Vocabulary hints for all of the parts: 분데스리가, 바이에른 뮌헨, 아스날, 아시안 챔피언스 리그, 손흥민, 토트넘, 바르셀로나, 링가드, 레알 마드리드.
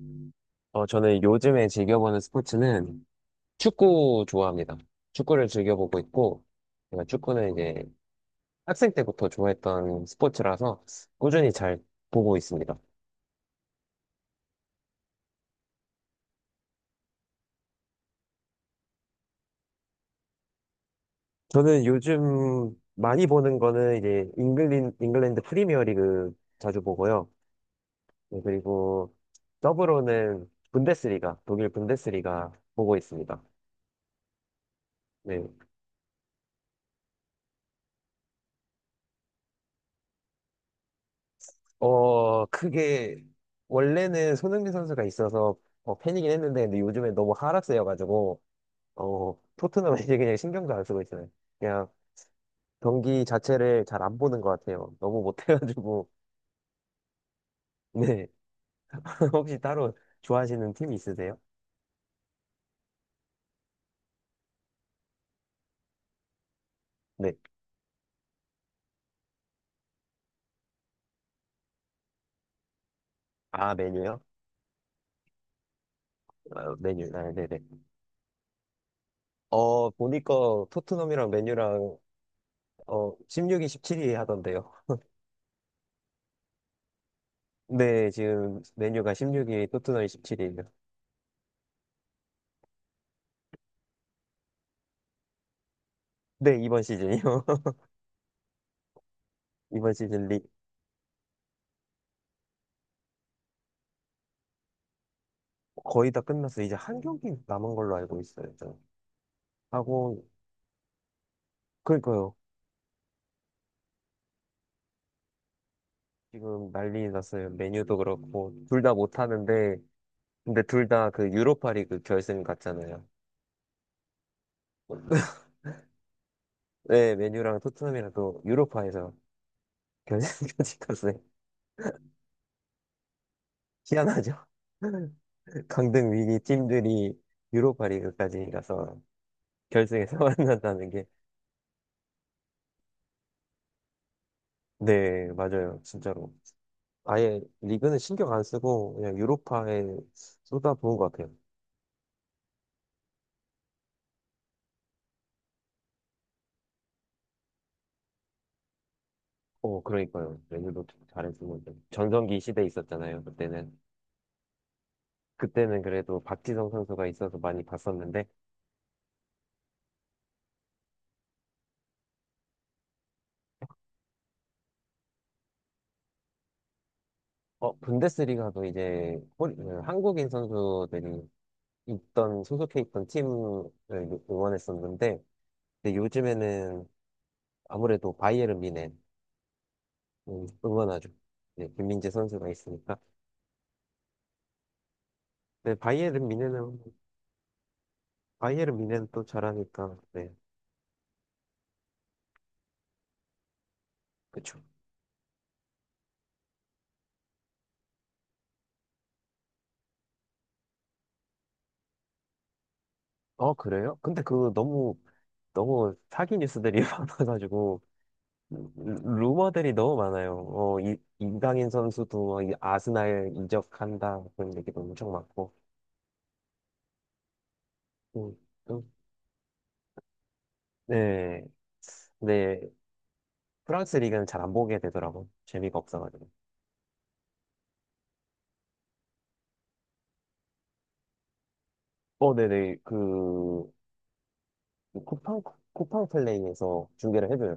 음. 저는 요즘에 즐겨보는 스포츠는 축구 좋아합니다. 축구를 즐겨보고 있고, 제가 축구는 이제 학생 때부터 좋아했던 스포츠라서 꾸준히 잘 보고 있습니다. 저는 요즘 많이 보는 거는 이제 잉글랜드 프리미어 리그 자주 보고요. 네, 그리고 더불어는 분데스리가, 독일 분데스리가 보고 있습니다. 네, 그게 원래는 손흥민 선수가 있어서 팬이긴 했는데 근데 요즘에 너무 하락세여가지고 토트넘 이제 그냥 신경도 안 쓰고 있어요. 그냥 경기 자체를 잘 안 보는 것 같아요. 너무 못해가지고 네. 혹시 따로 좋아하시는 팀 있으세요? 네. 아, 메뉴요? 아, 메뉴. 아, 네네. 보니까 토트넘이랑 메뉴랑 16위, 17위 하던데요. 네, 지금 메뉴가 16위, 토트넘이 17위예요. 네, 이번 시즌이요. 이번 시즌 리, 거의 다 끝났어요. 이제 한 경기 남은 걸로 알고 있어요. 하고 그러니까요. 지금 난리 났어요. 메뉴도 그렇고 둘 다 못하는데 근데 둘 다 그 유로파리그 결승 갔잖아요. 네, 메뉴랑 토트넘이랑 또 유로파에서 결승까지 갔어요. 희한하죠? 강등 위기 팀들이 유로파리그까지 가서 결승에서 만난다는 게. 네, 맞아요. 진짜로. 아예 리그는 신경 안 쓰고 그냥 유로파에 쏟아부은 것 같아요. 오, 그러니까요. 레드도 잘했으면 전성기 시대에 있었잖아요. 그때는 그래도 박지성 선수가 있어서 많이 봤었는데 분데스리가도 이제 한국인 선수들이 있던 소속해 있던 팀을 응원했었는데 근데 요즘에는 아무래도 바이에른 뮌헨 응원하죠. 네, 김민재 선수가 있으니까. 네, 바이에른 뮌헨 또 잘하니까 네, 그렇죠. 그래요? 근데 그 너무 너무 사기 뉴스들이 많아가지고. 루머들이 너무 많아요. 이강인 선수도 이 아스날 이적한다 그런 얘기도 엄청 많고. 음, 음, 네, 네. 프랑스 리그는 잘 안 보게 되더라고. 재미가 없어가지고. 네네 그 쿠팡 쿠팡 플레이에서 중계를 해줘요.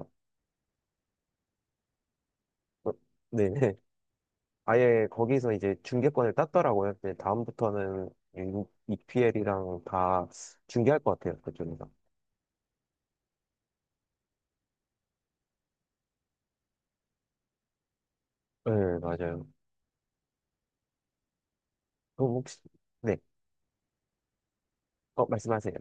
어, 네네. 아예 거기서 이제 중계권을 땄더라고요. 이제 다음부터는 EPL이랑 다 중계할 것 같아요. 그쪽에서. 네, 맞아요. 그럼 혹시. 네, 말씀하세요.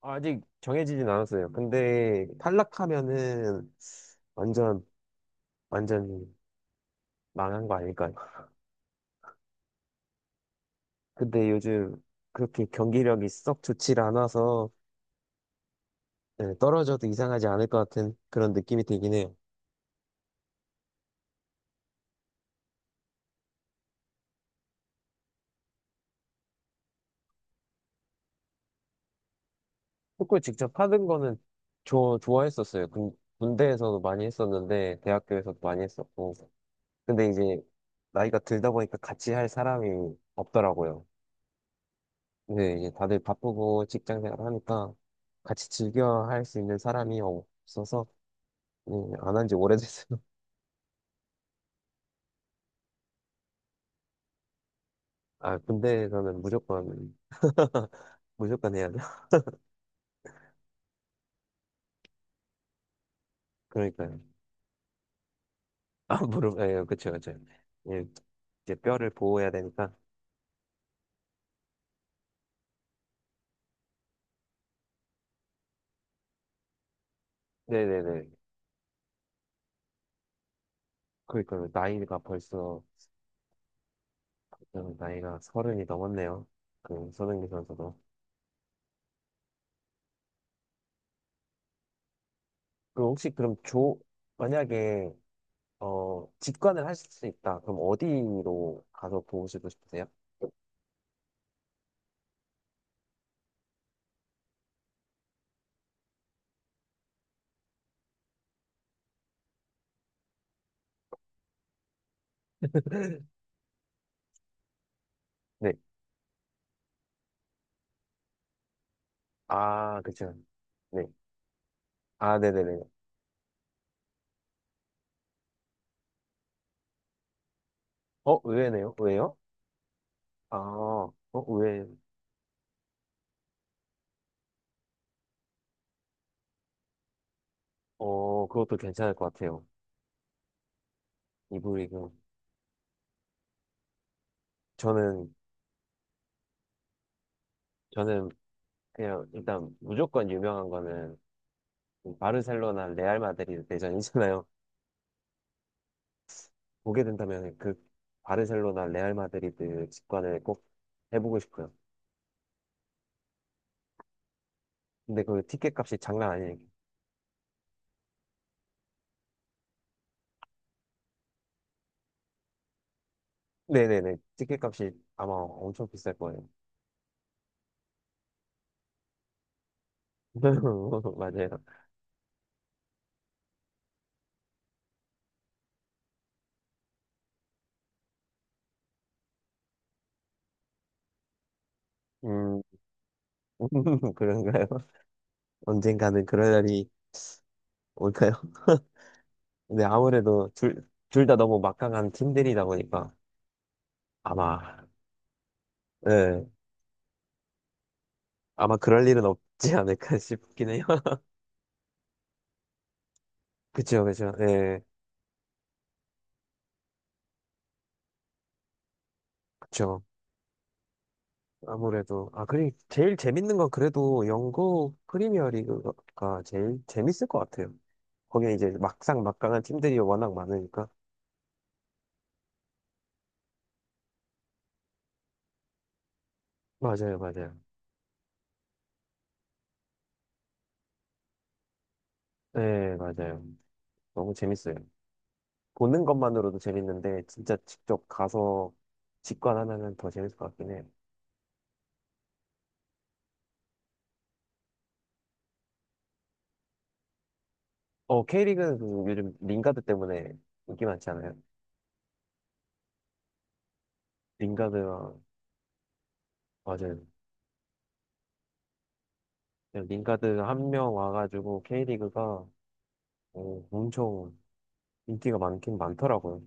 아직 정해지진 않았어요. 근데 탈락하면은 완전 완전 망한 거 아닐까요? 근데 요즘 그렇게 경기력이 썩 좋질 않아서 네, 떨어져도 이상하지 않을 것 같은 그런 느낌이 들긴 해요. 축구 직접 하는 거는 좋아했었어요. 군대에서도 많이 했었는데 대학교에서도 많이 했었고. 근데 이제 나이가 들다 보니까 같이 할 사람이 없더라고요. 근데 이제 다들 바쁘고 직장 생활 하니까 같이 즐겨 할 수 있는 사람이 없어서 네, 안한 지 오래됐어요. 아, 군대에서는 무조건 무조건 해야 돼. 그러니까요. 아, 무릎, 예, 그쵸, 그쵸. 예, 이제 뼈를 보호해야 되니까. 네네네. 그러니까 나이가 서른이 넘었네요. 그 손흥민 선수도. 그럼 혹시 그럼 조 만약에 직관을 하실 수 있다. 그럼 어디로 가서 보시고 싶으세요? 네. 아, 그쵸. 네. 아, 네네네. 의외네요. 왜요? 아, 의외. 그것도 괜찮을 것 같아요. 이브리그. 저는, 저는 그냥 일단 무조건 유명한 거는 바르셀로나, 레알 마드리드 대전이잖아요. 보게 된다면 그 바르셀로나, 레알 마드리드 직관을 꼭 해보고 싶어요. 근데 그 티켓 값이 장난 아니에요. 네네네. 티켓 값이 아마 엄청 비쌀 거예요. 맞아요. 음, 그런가요? 언젠가는 그럴 날이 올까요? 근데 아무래도 둘 다 너무 막강한 팀들이다 보니까 아마, 예, 아마 그럴 일은 없지 않을까 싶긴 해요. 그쵸, 그쵸, 예, 그쵸. 아무래도, 제일 재밌는 건 그래도 영국 프리미어 리그가 제일 재밌을 것 같아요. 거기에 이제 막상 막강한 팀들이 워낙 많으니까. 맞아요, 맞아요. 예, 맞아요. 너무 재밌어요. 보는 것만으로도 재밌는데 진짜 직접 가서 직관하면은 더 재밌을 것 같긴 해. K리그는 그 요즘 링가드 때문에 인기 많지 않아요? 링가드랑 맞아요. 그냥 링가드 한 명 와가지고 K리그가 엄청 인기가 많긴 많더라고요.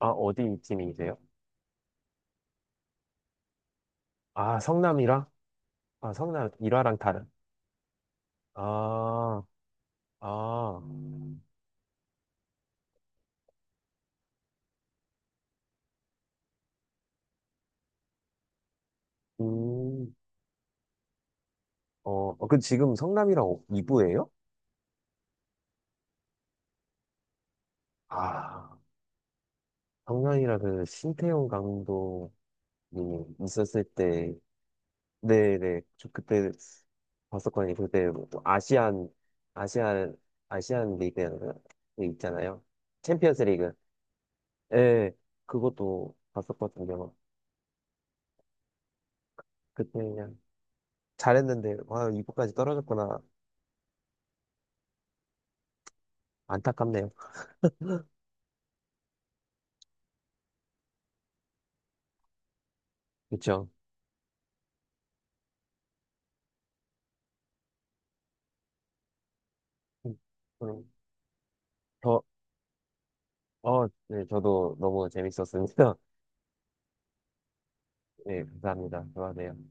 아, 어디 팀이세요? 아, 성남이랑? 아, 성남 일화랑 다른. 아, 아, 음, 어, 그 지금 성남이랑 2부예요? 아. 작년이라 그 신태용 감독이 있었을 때, 네네, 저 그때 봤었거든요. 그때 뭐 아시안, 아시안 리그 있잖아요. 챔피언스 리그. 예, 그것도 봤었거든요. 그때 그냥 잘했는데, 와, 이부까지 떨어졌구나. 안타깝네요. 그쵸? 죠 그럼 더, 네, 저도 너무 재밌었습니다. 네, 감사합니다. 좋아하네요.